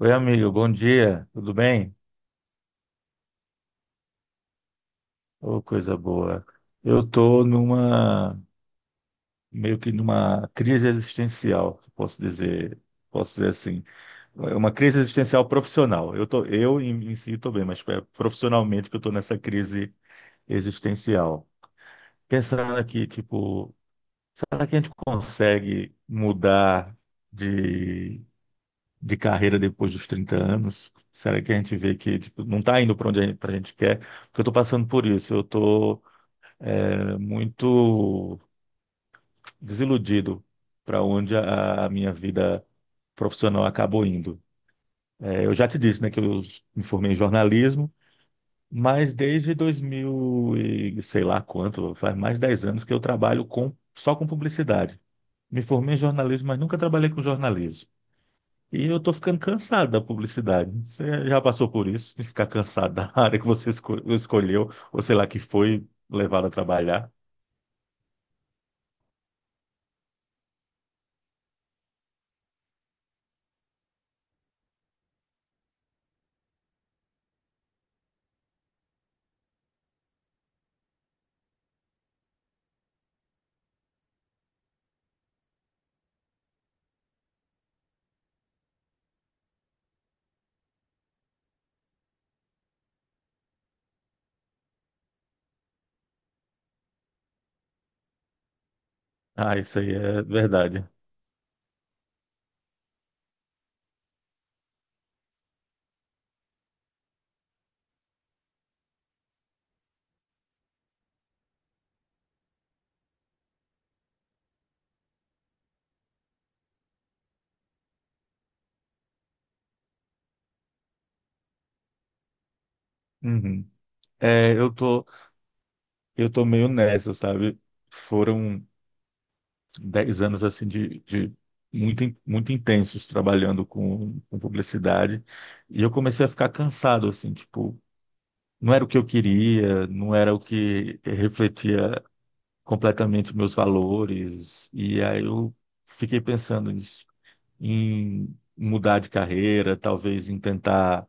Oi, amigo, bom dia, tudo bem? Ô, coisa boa. Eu tô numa, meio que numa crise existencial, posso dizer assim. Uma crise existencial profissional. Eu tô, eu em, em si estou bem, mas é profissionalmente que eu estou nessa crise existencial. Pensando aqui, tipo, será que a gente consegue mudar de de carreira depois dos 30 anos? Será que a gente vê que tipo, não está indo para onde a gente, pra gente quer? Porque eu estou passando por isso. Eu estou muito desiludido para onde a minha vida profissional acabou indo. É, eu já te disse, né, que eu me formei em jornalismo, mas desde 2000 e sei lá quanto, faz mais de 10 anos que eu trabalho com, só com publicidade. Me formei em jornalismo, mas nunca trabalhei com jornalismo. E eu tô ficando cansado da publicidade. Você já passou por isso, de ficar cansado da área que você escolheu, ou sei lá, que foi levado a trabalhar? Ah, isso aí é verdade. Uhum. É, eu tô, eu tô meio nessa, sabe? Foram 10 anos, assim, de muito, muito intensos trabalhando com publicidade. E eu comecei a ficar cansado, assim, tipo, não era o que eu queria, não era o que refletia completamente os meus valores. E aí eu fiquei pensando nisso, em mudar de carreira, talvez em tentar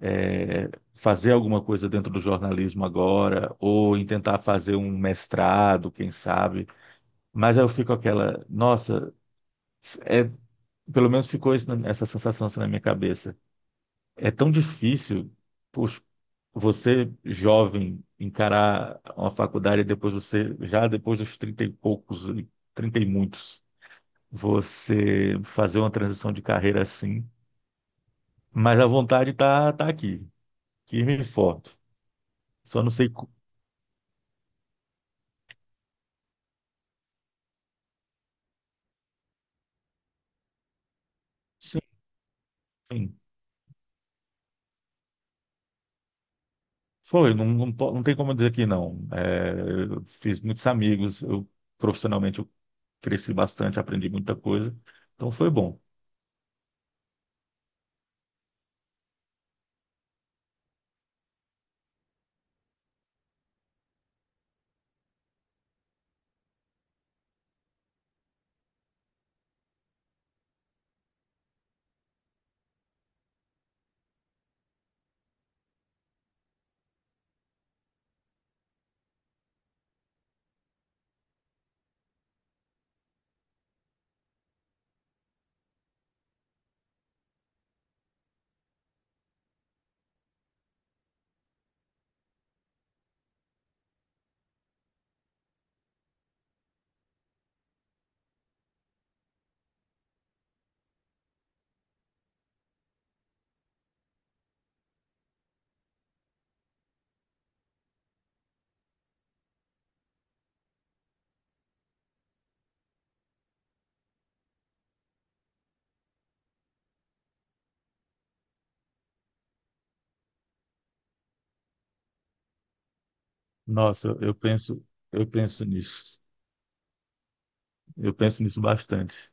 é, fazer alguma coisa dentro do jornalismo agora, ou em tentar fazer um mestrado, quem sabe. Mas aí eu fico aquela, nossa, é, pelo menos ficou isso essa sensação assim na minha cabeça. É tão difícil. Poxa, você jovem encarar uma faculdade e depois você já depois dos 30 e poucos, 30 e muitos, você fazer uma transição de carreira assim, mas a vontade tá aqui, firme e forte. Só não sei sim, sim. Foi, não, não, não tem como dizer que não. É, eu fiz muitos amigos, eu profissionalmente eu cresci bastante, aprendi muita coisa, então foi bom. Nossa, eu penso nisso. Eu penso nisso bastante.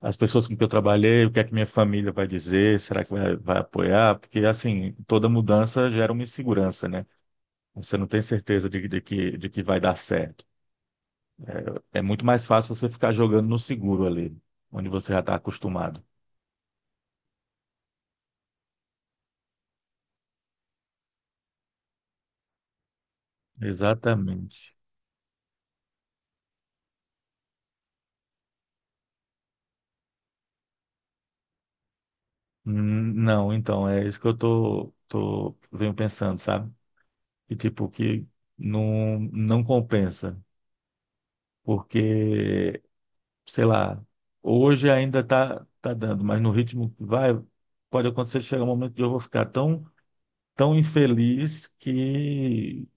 As pessoas com que eu trabalhei, o que é que minha família vai dizer, será que vai, vai apoiar? Porque, assim, toda mudança gera uma insegurança, né? Você não tem certeza de que, de que vai dar certo. É, é muito mais fácil você ficar jogando no seguro ali, onde você já está acostumado. Exatamente. Não, então, é isso que venho pensando, sabe? E, tipo, que não, não compensa, porque sei lá, hoje ainda tá dando, mas no ritmo que vai, pode acontecer de chegar um momento que eu vou ficar tão, tão infeliz que,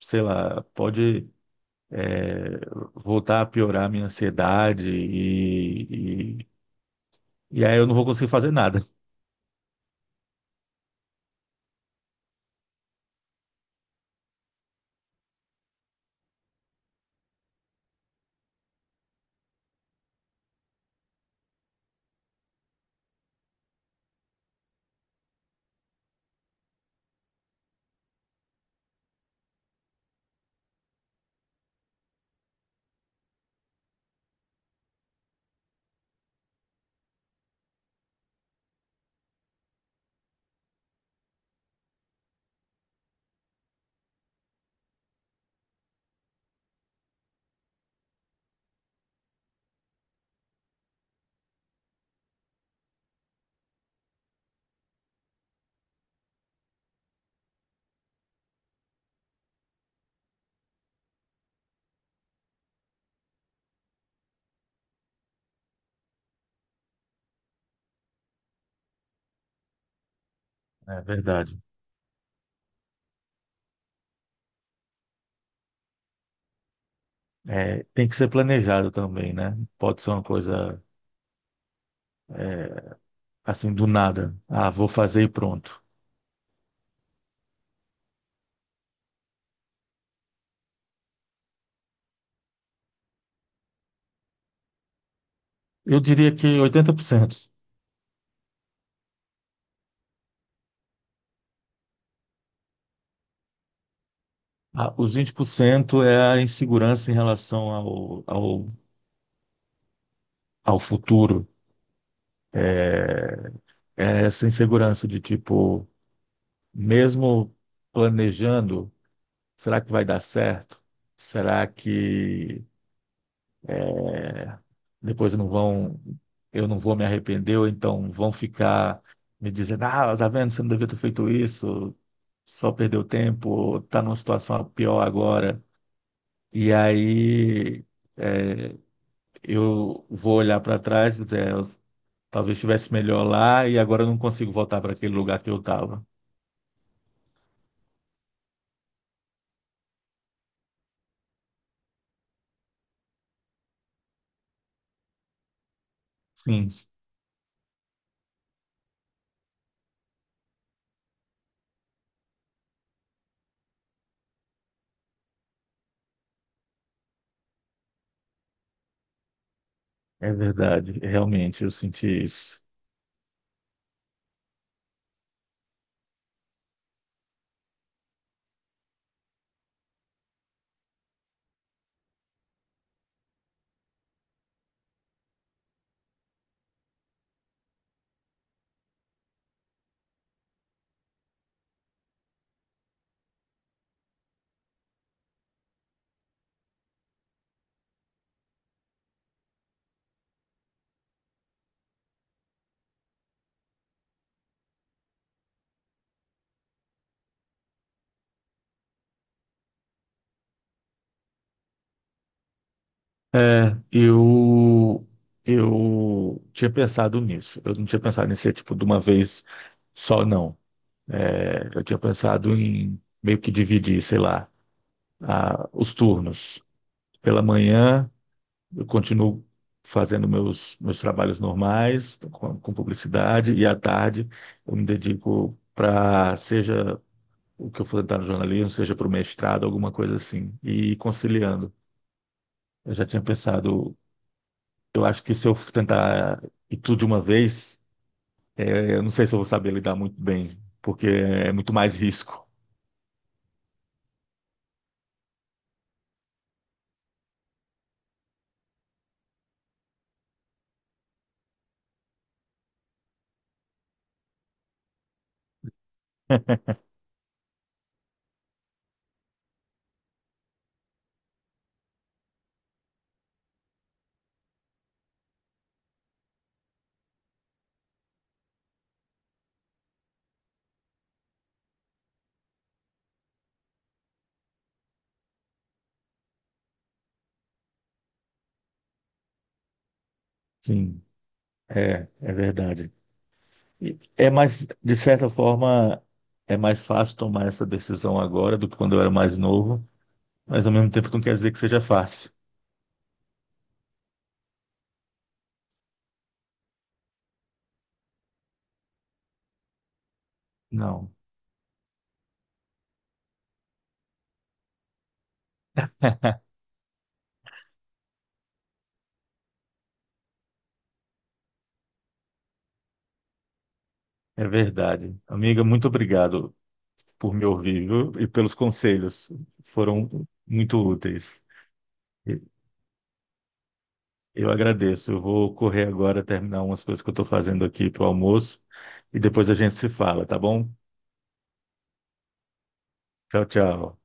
sei lá, pode é, voltar a piorar a minha ansiedade e aí eu não vou conseguir fazer nada. É verdade. É, tem que ser planejado também, né? Pode ser uma coisa é, assim do nada. Ah, vou fazer e pronto. Eu diria que 80%. Ah, os 20% é a insegurança em relação ao futuro. É, é essa insegurança de tipo, mesmo planejando, será que vai dar certo? Será que é, depois não vão, eu não vou me arrepender, ou então vão ficar me dizendo, ah, tá vendo, você não devia ter feito isso, só perdeu tempo, tá numa situação pior agora. E aí é, eu vou olhar para trás e dizer, talvez estivesse melhor lá e agora eu não consigo voltar para aquele lugar que eu estava. Sim, é verdade. Realmente, eu senti isso. É, eu, eu tinha pensado nisso. Eu não tinha pensado em ser tipo de uma vez só, não. É, eu tinha pensado em meio que dividir, sei lá, os turnos. Pela manhã, eu continuo fazendo meus trabalhos normais, com publicidade, e à tarde eu me dedico para, seja o que eu for tentar no jornalismo, seja para o mestrado, alguma coisa assim, e ir conciliando. Eu já tinha pensado, eu acho que se eu tentar ir tudo de uma vez, eu não sei se eu vou saber lidar muito bem, porque é muito mais risco. Sim, é, é verdade. E é mais, de certa forma, é mais fácil tomar essa decisão agora do que quando eu era mais novo, mas ao mesmo tempo não quer dizer que seja fácil. Não, é verdade. Amiga, muito obrigado por me ouvir, viu? E pelos conselhos. Foram muito úteis. E- Eu agradeço. Eu vou correr agora, terminar umas coisas que eu estou fazendo aqui para o almoço e depois a gente se fala, tá bom? Tchau, tchau.